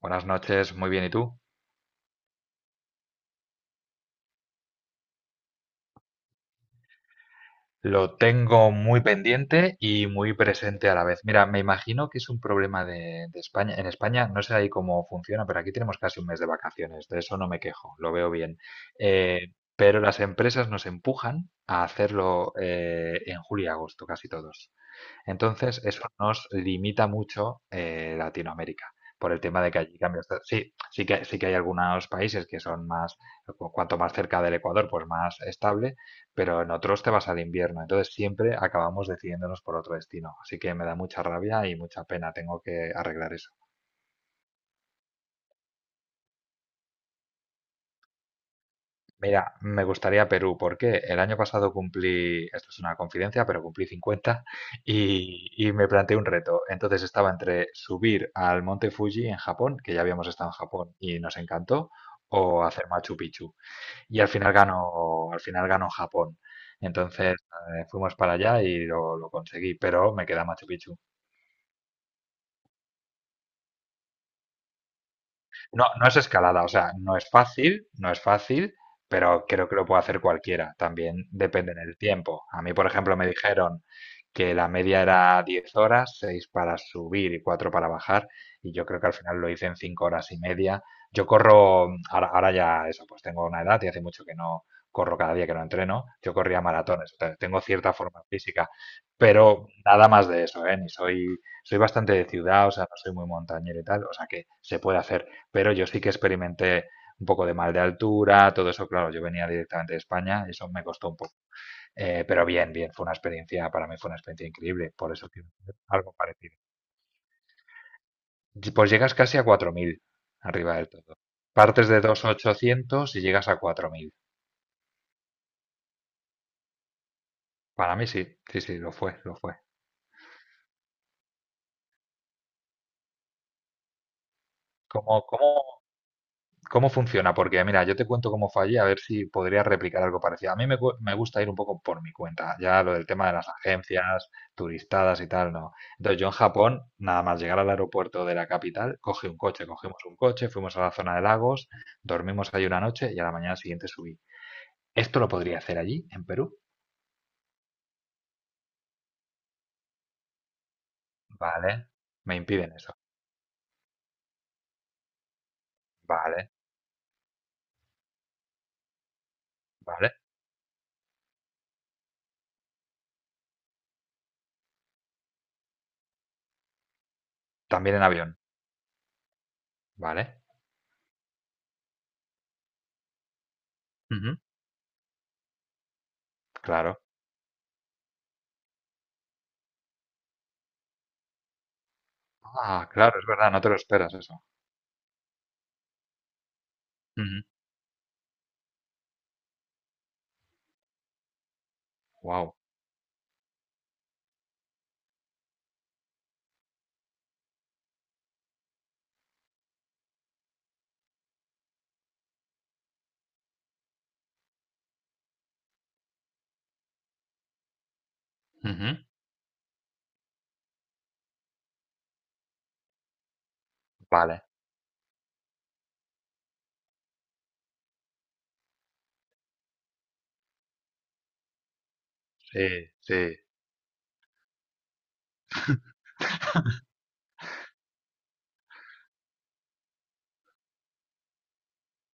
Buenas noches, muy bien, ¿y tú? Lo tengo muy pendiente y muy presente a la vez. Mira, me imagino que es un problema de España. En España no sé ahí cómo funciona, pero aquí tenemos casi un mes de vacaciones, de eso no me quejo, lo veo bien. Eh, pero las empresas nos empujan a hacerlo en julio y agosto, casi todos. Entonces, eso nos limita mucho Latinoamérica, por el tema de que allí cambios. Sí, sí que hay algunos países que son más, cuanto más cerca del Ecuador, pues más estable, pero en otros te vas al invierno. Entonces, siempre acabamos decidiéndonos por otro destino. Así que me da mucha rabia y mucha pena. Tengo que arreglar eso. Mira, me gustaría Perú porque el año pasado cumplí, esto es una confidencia, pero cumplí 50 y me planteé un reto. Entonces estaba entre subir al monte Fuji en Japón, que ya habíamos estado en Japón y nos encantó, o hacer Machu Picchu. Y al final ganó Japón. Entonces fuimos para allá y lo conseguí, pero me queda Machu Picchu. No, no es escalada, o sea, no es fácil, no es fácil, pero creo que lo puede hacer cualquiera. También depende del tiempo. A mí, por ejemplo, me dijeron que la media era 10 horas, 6 para subir y 4 para bajar, y yo creo que al final lo hice en 5 horas y media. Yo corro, ahora ya eso, pues tengo una edad y hace mucho que no corro cada día que no entreno, yo corría maratones, o sea, tengo cierta forma física, pero nada más de eso, ¿eh? Ni soy bastante de ciudad, o sea, no soy muy montañero y tal, o sea que se puede hacer. Pero yo sí que experimenté un poco de mal de altura, todo eso, claro, yo venía directamente de España y eso me costó un poco. Pero bien, bien, fue una experiencia, para mí fue una experiencia increíble, por eso quiero hacer algo parecido. Y pues llegas casi a 4000 arriba del todo. Partes de 2800 y llegas a 4000. Para mí sí, sí, sí, lo fue, lo fue. ¿Cómo, cómo ¿Cómo funciona? Porque mira, yo te cuento cómo fallé, a ver si podría replicar algo parecido. A mí me gusta ir un poco por mi cuenta, ya lo del tema de las agencias, turistadas y tal, no. Entonces yo en Japón, nada más llegar al aeropuerto de la capital, cogimos un coche, fuimos a la zona de lagos, dormimos ahí una noche y a la mañana siguiente subí. ¿Esto lo podría hacer allí, en Perú? Vale, me impiden eso. Vale, vale. También en avión, vale. Ujú, claro. Ah, claro, es verdad, no te lo esperas eso. Wow. Vale. Sí, sí,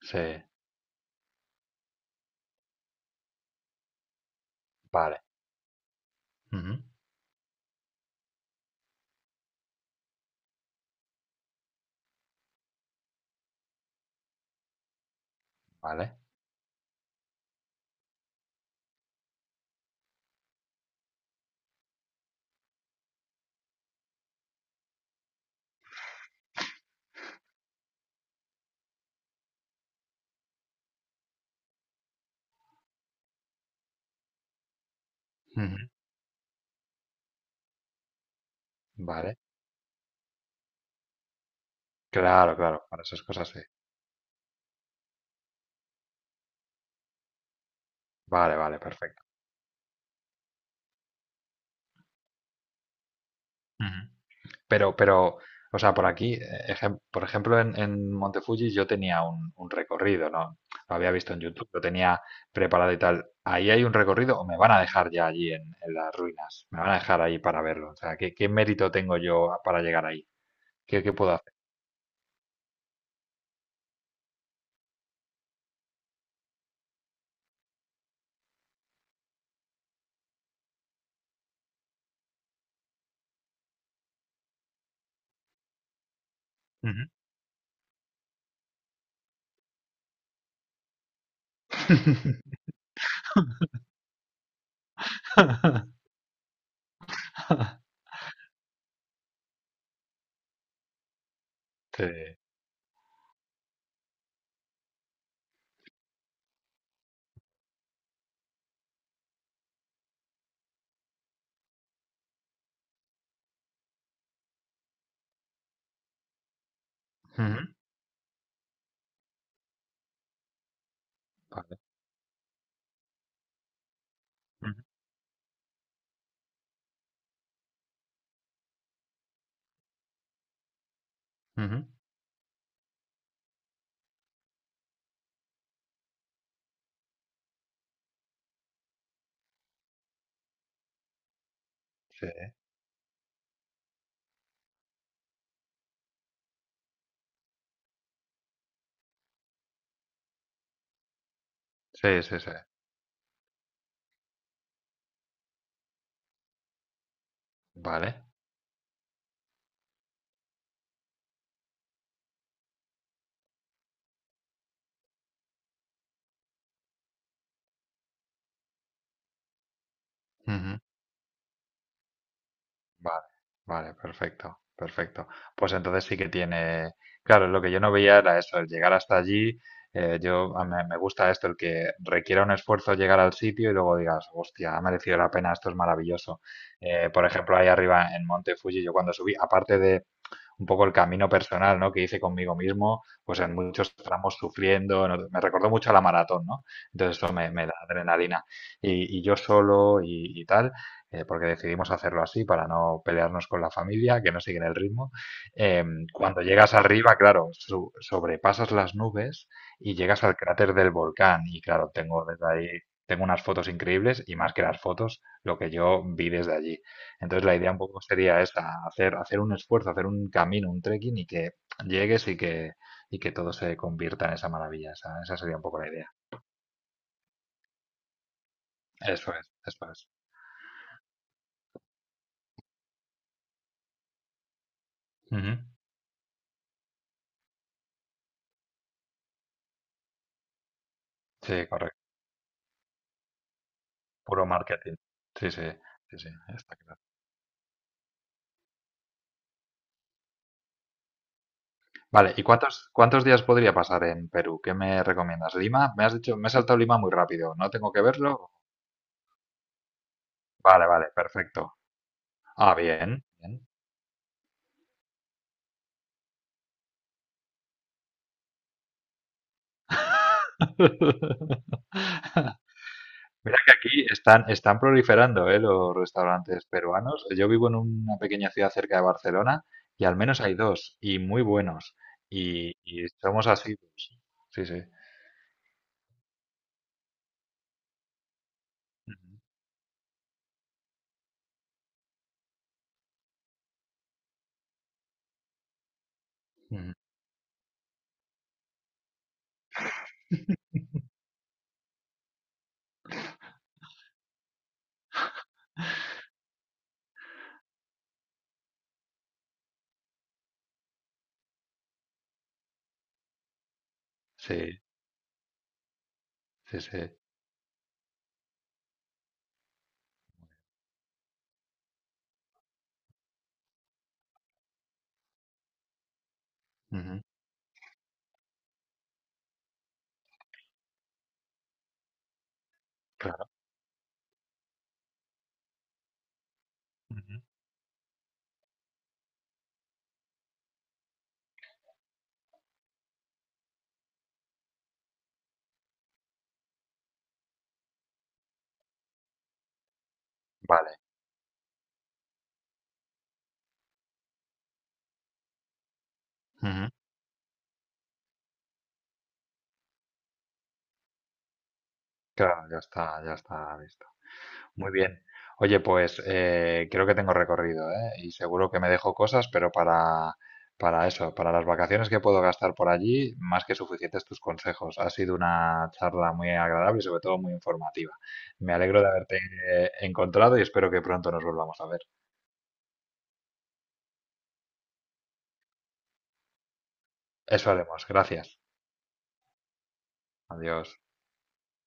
sí, vale. Ujú, vale, ujú, vale. Claro, claro, para esas cosas sí. Vale, vale, perfecto. Ujú. Pero, pero, o sea, por aquí, por ejemplo, en Monte Fuji yo tenía un recorrido, ¿no? Lo había visto en YouTube, lo tenía preparado y tal. ¿Ahí hay un recorrido o me van a dejar ya allí en las ruinas? ¿Me van a dejar ahí para verlo? O sea, ¿qué mérito tengo yo para llegar ahí? ¿Qué puedo hacer? Ujú. Sí. Ujú. Ujú, ujú. Sí. Sí, sí, sí. Vale. Ujú. Vale, vale, perfecto, perfecto. Pues entonces sí que tiene, claro, lo que yo no veía era eso, el llegar hasta allí. Me gusta esto, el que requiera un esfuerzo llegar al sitio y luego digas, hostia, ha merecido la pena, esto es maravilloso. Por ejemplo, ahí arriba en Monte Fuji, yo cuando subí, aparte de un poco el camino personal, ¿no? Que hice conmigo mismo, pues en muchos tramos sufriendo, ¿no? Me recordó mucho a la maratón, ¿no? Entonces eso me da adrenalina. Y yo solo y tal, porque decidimos hacerlo así para no pelearnos con la familia, que no siguen el ritmo. Eh, Cuando llegas arriba, claro, sobrepasas las nubes y llegas al cráter del volcán. Y claro, tengo desde ahí, tengo unas fotos increíbles y más que las fotos, lo que yo vi desde allí. Entonces la idea un poco sería esa, hacer un esfuerzo, hacer un camino, un trekking y que llegues y que todo se convierta en esa maravilla. Esa sería un poco la idea. Eso es, eso es. Ujú. Sí, correcto. Puro marketing. Sí, sí, sí, sí, está claro. Vale, ¿y cuántos días podría pasar en Perú? ¿Qué me recomiendas? ¿Lima? Me has dicho, me he saltado Lima muy rápido. ¿No tengo que verlo? Vale, vale, perfecto. Ah, bien, bien. Mira que aquí están proliferando, ¿eh? Los restaurantes peruanos. Yo vivo en una pequeña ciudad cerca de Barcelona y al menos hay dos y muy buenos. Y somos así. Sí, sí. Ujú, ujú. Sí, sí, sí. Ujú, claro. Ujú. Vale. Ujú. Claro, ya está, ya está. Muy bien. Oye, pues creo que tengo recorrido, ¿eh? Y seguro que me dejo cosas, pero para eso, para las vacaciones que puedo gastar por allí, más que suficientes tus consejos. Ha sido una charla muy agradable y sobre todo muy informativa. Me alegro de haberte encontrado y espero que pronto nos volvamos a ver. Eso haremos. Gracias. Adiós.